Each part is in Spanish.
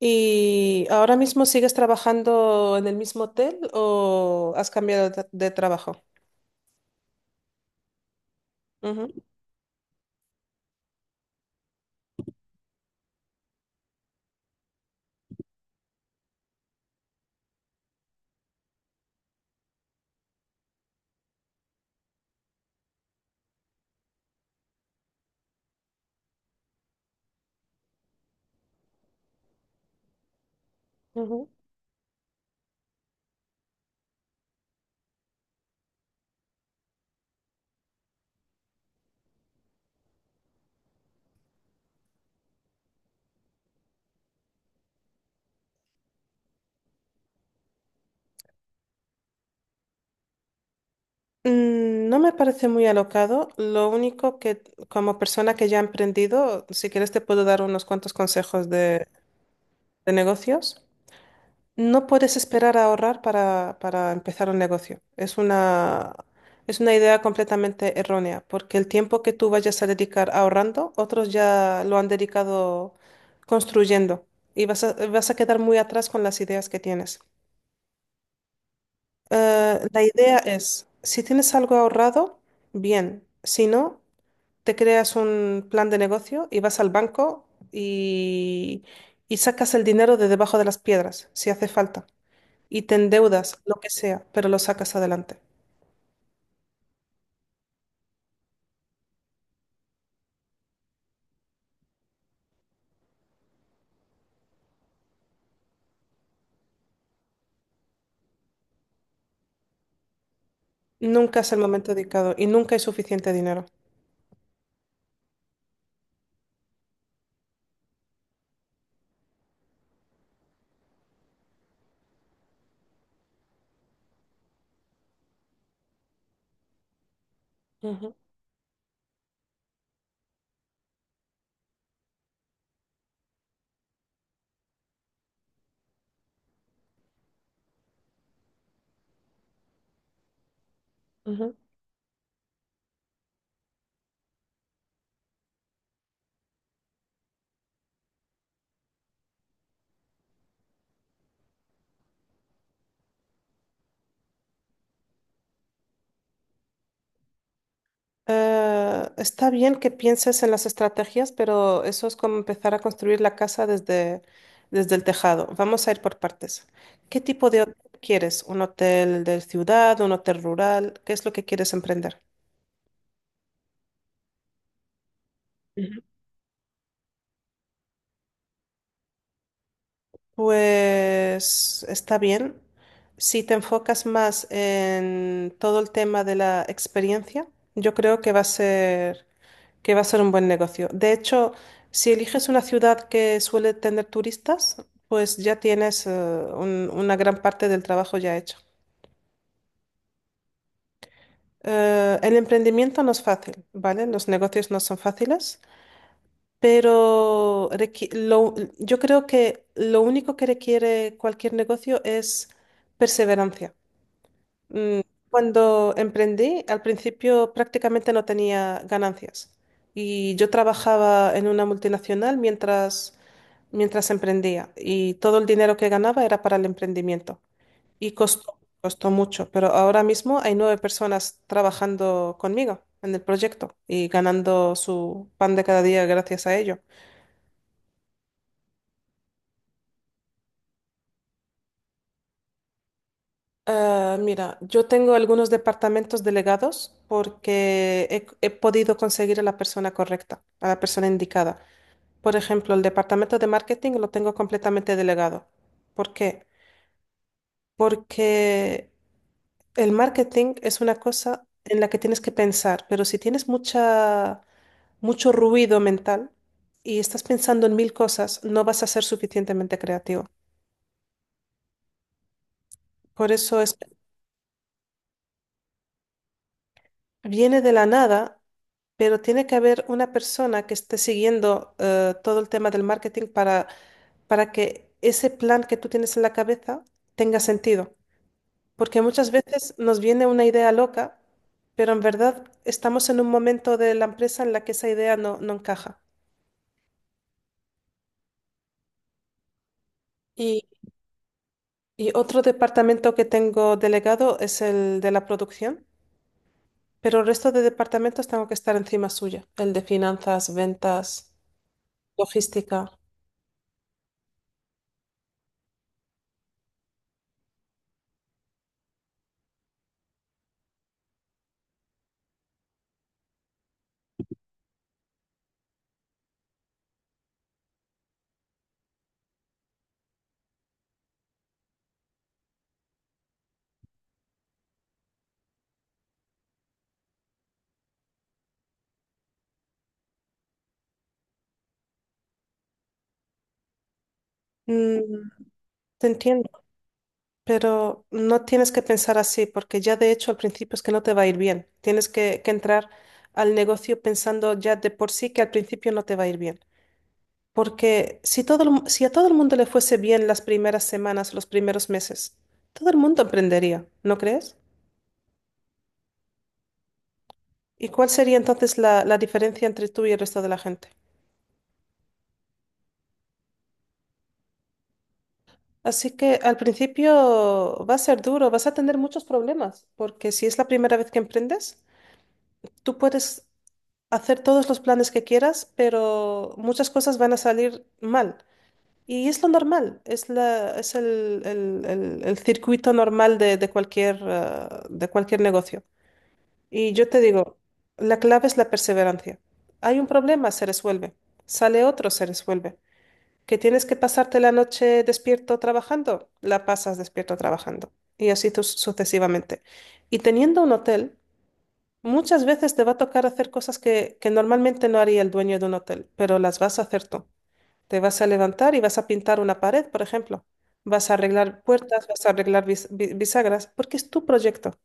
¿Y ahora mismo sigues trabajando en el mismo hotel o has cambiado de trabajo? Ujú, ujú. Mm. No me parece muy alocado. Lo único que como persona que ya ha emprendido, si quieres te puedo dar unos cuantos consejos de negocios. No puedes esperar a ahorrar para empezar un negocio. Es una idea completamente errónea, porque el tiempo que tú vayas a dedicar ahorrando, otros ya lo han dedicado construyendo y vas a quedar muy atrás con las ideas que tienes. La idea es, si tienes algo ahorrado, bien. Si no, te creas un plan de negocio y vas al banco y, y sacas el dinero de debajo de las piedras, si hace falta y te endeudas, lo que sea, pero lo sacas adelante. Nunca es el momento dedicado y nunca hay suficiente dinero. Ujú, ujú. Está bien que pienses en las estrategias, pero eso es como empezar a construir la casa desde el tejado. Vamos a ir por partes. ¿Qué tipo de hotel quieres? ¿Un hotel de ciudad, un hotel rural? ¿Qué es lo que quieres emprender? Pues está bien. Si te enfocas más en todo el tema de la experiencia, yo creo que va a ser, que va a ser un buen negocio. De hecho, si eliges una ciudad que suele tener turistas, pues ya tienes una gran parte del trabajo ya hecho. El emprendimiento no es fácil, ¿vale? Los negocios no son fáciles, pero yo creo que lo único que requiere cualquier negocio es perseverancia. Mm, Cuando emprendí, al principio prácticamente no tenía ganancias y yo trabajaba en una multinacional mientras emprendía y todo el dinero que ganaba era para el emprendimiento y costó, costó mucho, pero ahora mismo hay 9 personas trabajando conmigo en el proyecto y ganando su pan de cada día gracias a ello. Ah, mira, yo tengo algunos departamentos delegados porque he podido conseguir a la persona correcta, a la persona indicada. Por ejemplo, el departamento de marketing lo tengo completamente delegado. ¿Por qué? Porque el marketing es una cosa en la que tienes que pensar, pero si tienes mucha, mucho ruido mental y estás pensando en mil cosas, no vas a ser suficientemente creativo. Por eso es, viene de la nada, pero tiene que haber una persona que esté siguiendo todo el tema del marketing para que ese plan que tú tienes en la cabeza tenga sentido. Porque muchas veces nos viene una idea loca, pero en verdad estamos en un momento de la empresa en la que esa idea no, no encaja. Y, y otro departamento que tengo delegado es el de la producción, pero el resto de departamentos tengo que estar encima suya, el de finanzas, ventas, logística. Mm, Te entiendo, pero no tienes que pensar así, porque ya de hecho al principio es que no te va a ir bien. Tienes que entrar al negocio pensando ya de por sí que al principio no te va a ir bien. Porque si, si a todo el mundo le fuese bien las primeras semanas, los primeros meses, todo el mundo emprendería, ¿no crees? ¿Y cuál sería entonces la diferencia entre tú y el resto de la gente? Así que al principio va a ser duro, vas a tener muchos problemas, porque si es la primera vez que emprendes, tú puedes hacer todos los planes que quieras, pero muchas cosas van a salir mal. Y es lo normal, es la, es el, el circuito normal de cualquier, de cualquier negocio. Y yo te digo, la clave es la perseverancia. Hay un problema, se resuelve. Sale otro, se resuelve. ¿Que tienes que pasarte la noche despierto trabajando? La pasas despierto trabajando. Y así tú sucesivamente. Y teniendo un hotel, muchas veces te va a tocar hacer cosas que normalmente no haría el dueño de un hotel, pero las vas a hacer tú. Te vas a levantar y vas a pintar una pared, por ejemplo. Vas a arreglar puertas, vas a arreglar bisagras, porque es tu proyecto.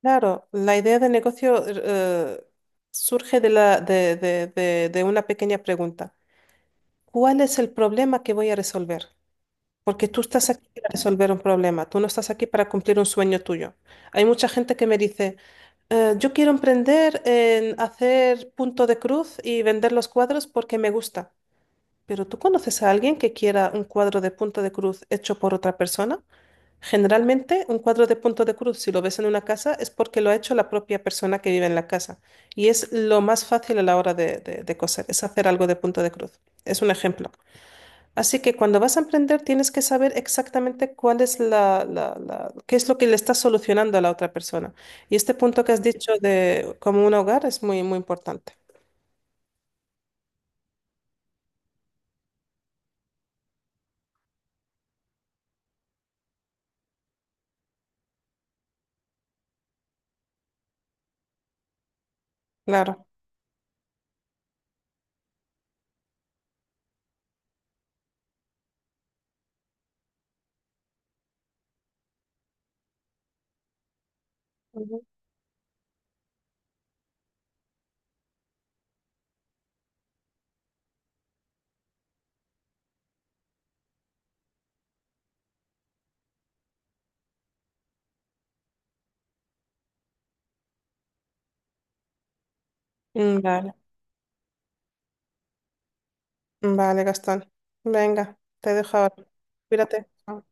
Claro, la idea de negocio surge de de una pequeña pregunta. ¿Cuál es el problema que voy a resolver? Porque tú estás aquí para resolver un problema, tú no estás aquí para cumplir un sueño tuyo. Hay mucha gente que me dice, yo quiero emprender en hacer punto de cruz y vender los cuadros porque me gusta. Pero ¿tú conoces a alguien que quiera un cuadro de punto de cruz hecho por otra persona? Generalmente, un cuadro de punto de cruz, si lo ves en una casa, es porque lo ha hecho la propia persona que vive en la casa. Y es lo más fácil a la hora de, de coser, es hacer algo de punto de cruz. Es un ejemplo. Así que cuando vas a emprender, tienes que saber exactamente cuál es la, qué es lo que le estás solucionando a la otra persona. Y este punto que has dicho de como un hogar es muy, muy importante. Claro. Ujú. Mm, vale, vale, Gastón. Venga, te dejo ahora. Cuídate. Chao.